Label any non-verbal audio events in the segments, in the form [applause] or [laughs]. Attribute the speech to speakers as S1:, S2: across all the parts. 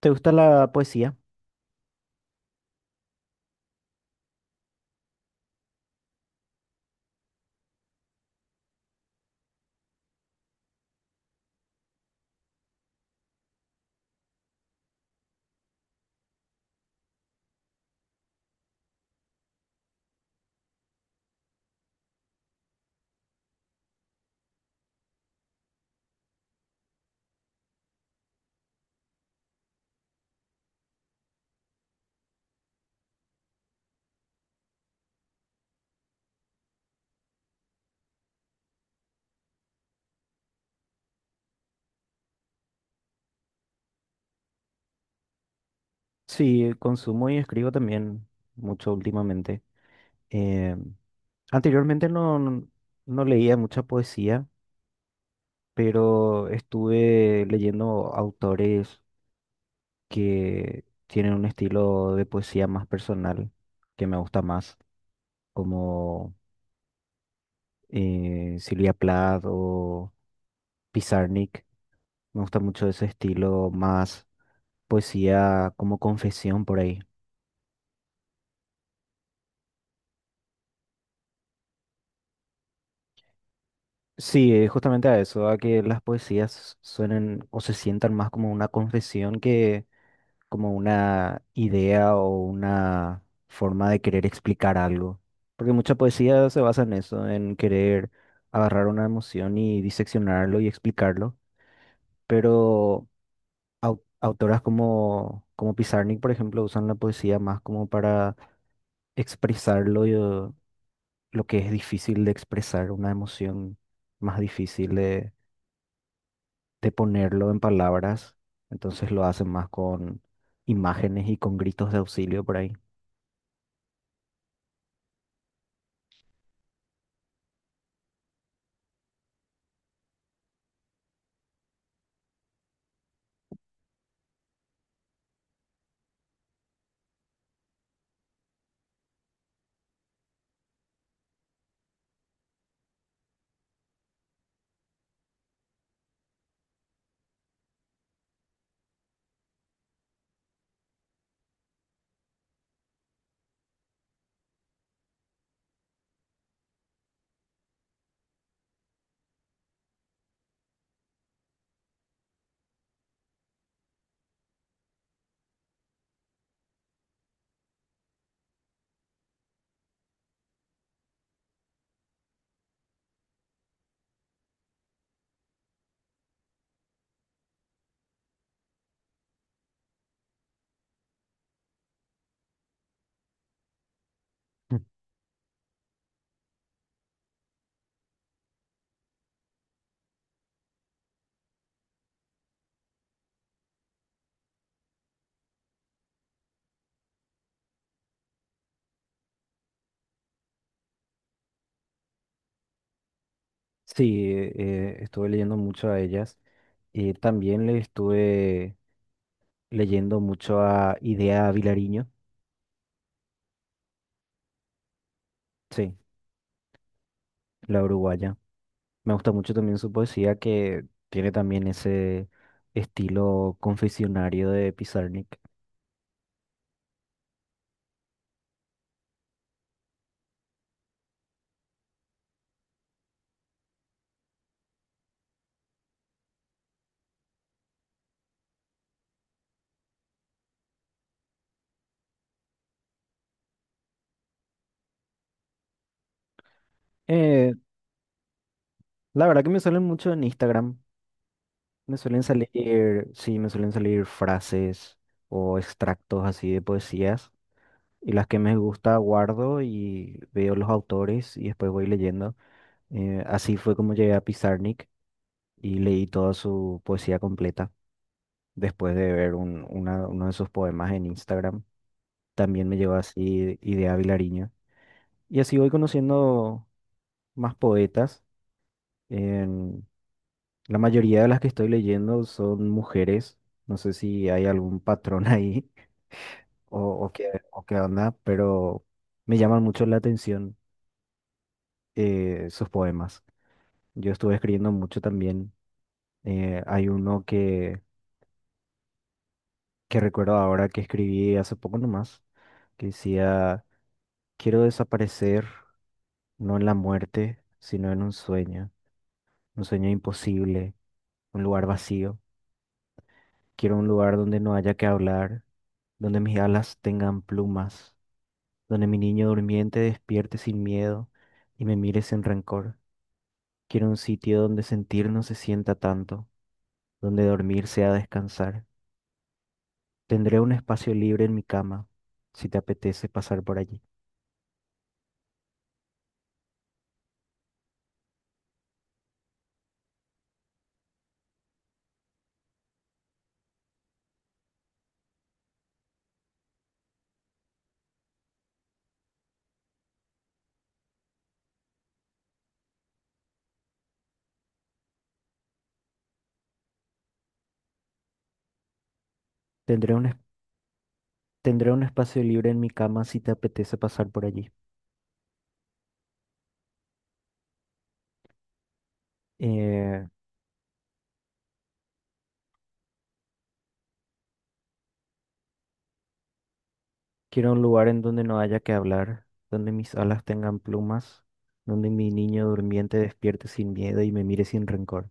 S1: ¿Te gusta la poesía? Sí, consumo y escribo también mucho últimamente. Eh, Anteriormente no leía mucha poesía, pero estuve leyendo autores que tienen un estilo de poesía más personal, que me gusta más, como Silvia Plath o Pizarnik. Me gusta mucho ese estilo más poesía como confesión por ahí. Sí, justamente a eso, a que las poesías suenen o se sientan más como una confesión que como una idea o una forma de querer explicar algo. Porque mucha poesía se basa en eso, en querer agarrar una emoción y diseccionarlo y explicarlo. Pero autoras como Pizarnik, por ejemplo, usan la poesía más como para expresarlo, y, lo que es difícil de expresar, una emoción más difícil de ponerlo en palabras, entonces lo hacen más con imágenes y con gritos de auxilio por ahí. [laughs] Mm. Sí, estuve leyendo mucho a ellas y también le estuve leyendo mucho a Idea Vilariño, sí, la uruguaya. Me gusta mucho también su poesía que tiene también ese estilo confesionario de Pizarnik. Eh, la verdad que me salen mucho en Instagram. Me suelen salir, sí, me suelen salir frases o extractos así de poesías y las que me gusta guardo y veo los autores y después voy leyendo. Así fue como llegué a Pizarnik y leí toda su poesía completa después de ver uno de sus poemas en Instagram. También me llevó así Idea Vilariño. Y así voy conociendo más poetas. En- la mayoría de las que estoy leyendo son mujeres. No sé si hay algún patrón [laughs] ahí o, o qué onda, pero me llaman mucho la atención sus poemas. Yo estuve escribiendo mucho también. Hay que recuerdo ahora que escribí hace poco nomás, que decía, quiero desaparecer, no en la muerte, sino en un sueño imposible, un lugar vacío. Quiero un lugar donde no haya que hablar, donde mis alas tengan plumas, donde mi niño durmiente despierte sin miedo y me mire sin rencor. Quiero un sitio donde sentir no se sienta tanto, donde dormir sea descansar. Tendré un espacio libre en mi cama, si te apetece pasar por allí. Tendré un, es- Tendré un espacio libre en mi cama, si te apetece pasar por allí. Eh, Quiero un lugar en donde no haya que hablar, donde mis alas tengan plumas, donde mi niño durmiente despierte sin miedo y me mire sin rencor.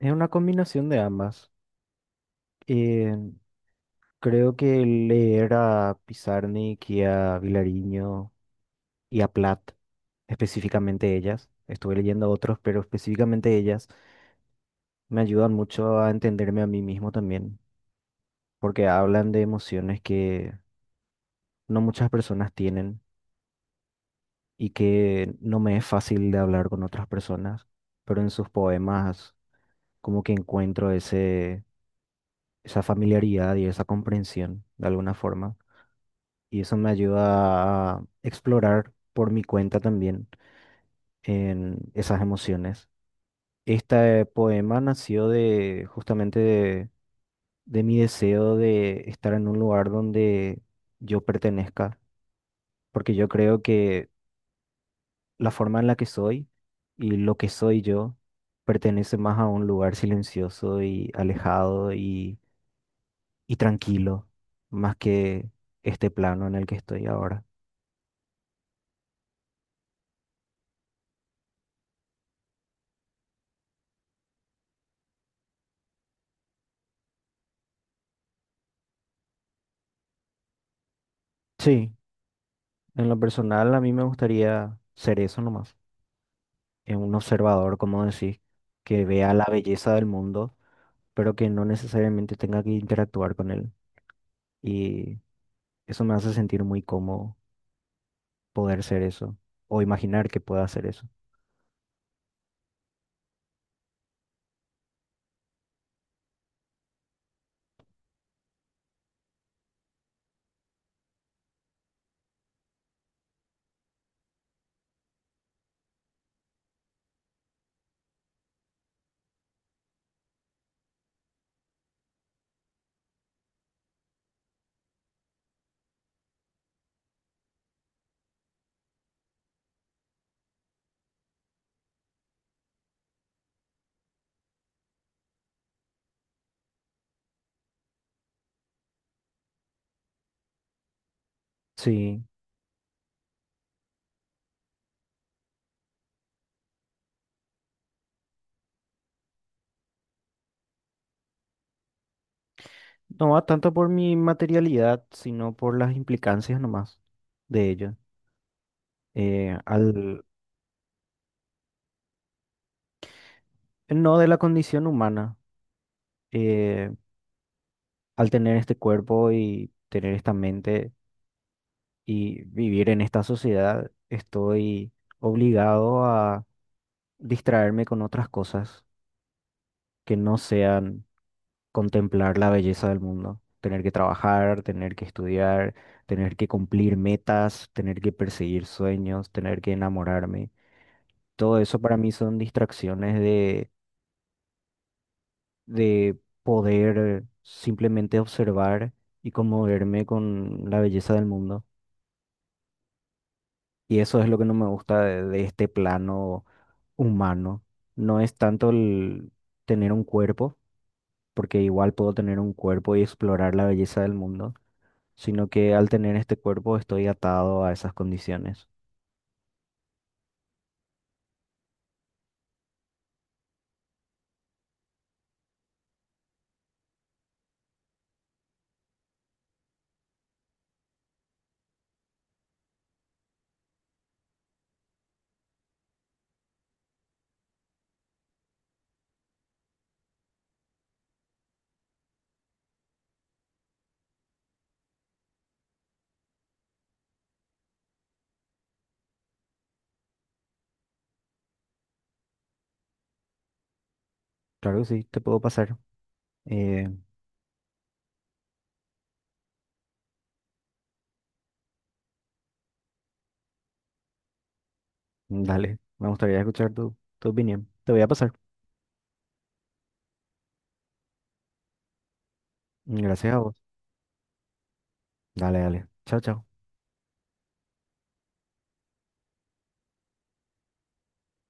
S1: Es una combinación de ambas. Eh, Creo que leer a Pizarnik y a Vilariño y a Platt, específicamente ellas. Estuve leyendo otros, pero específicamente ellas me ayudan mucho a entenderme a mí mismo también, porque hablan de emociones que no muchas personas tienen y que no me es fácil de hablar con otras personas, pero en sus poemas como que encuentro esa familiaridad y esa comprensión de alguna forma, y eso me ayuda a explorar por mi cuenta también en esas emociones. Este poema nació de justamente de mi deseo de estar en un lugar donde yo pertenezca, porque yo creo que la forma en la que soy y lo que soy yo pertenece más a un lugar silencioso y alejado y tranquilo, más que este plano en el que estoy ahora. Sí, en lo personal a mí me gustaría ser eso nomás, un observador, como decís, que vea la belleza del mundo pero que no necesariamente tenga que interactuar con él. Y eso me hace sentir muy cómodo poder ser eso, o imaginar que pueda hacer eso. Sí, no va tanto por mi materialidad, sino por las implicancias nomás de ello. Eh, al, no de la condición humana, eh, al tener este cuerpo y tener esta mente y vivir en esta sociedad, estoy obligado a distraerme con otras cosas que no sean contemplar la belleza del mundo, tener que trabajar, tener que estudiar, tener que cumplir metas, tener que perseguir sueños, tener que enamorarme. Todo eso para mí son distracciones de poder simplemente observar y conmoverme con la belleza del mundo. Y eso es lo que no me gusta de este plano humano. No es tanto el tener un cuerpo, porque igual puedo tener un cuerpo y explorar la belleza del mundo sino que al tener este cuerpo estoy atado a esas condiciones. Claro que sí, te puedo pasar. Eh, Dale, me gustaría escuchar tu opinión. Te voy a pasar. Gracias a vos. Dale, dale. Chao, chao.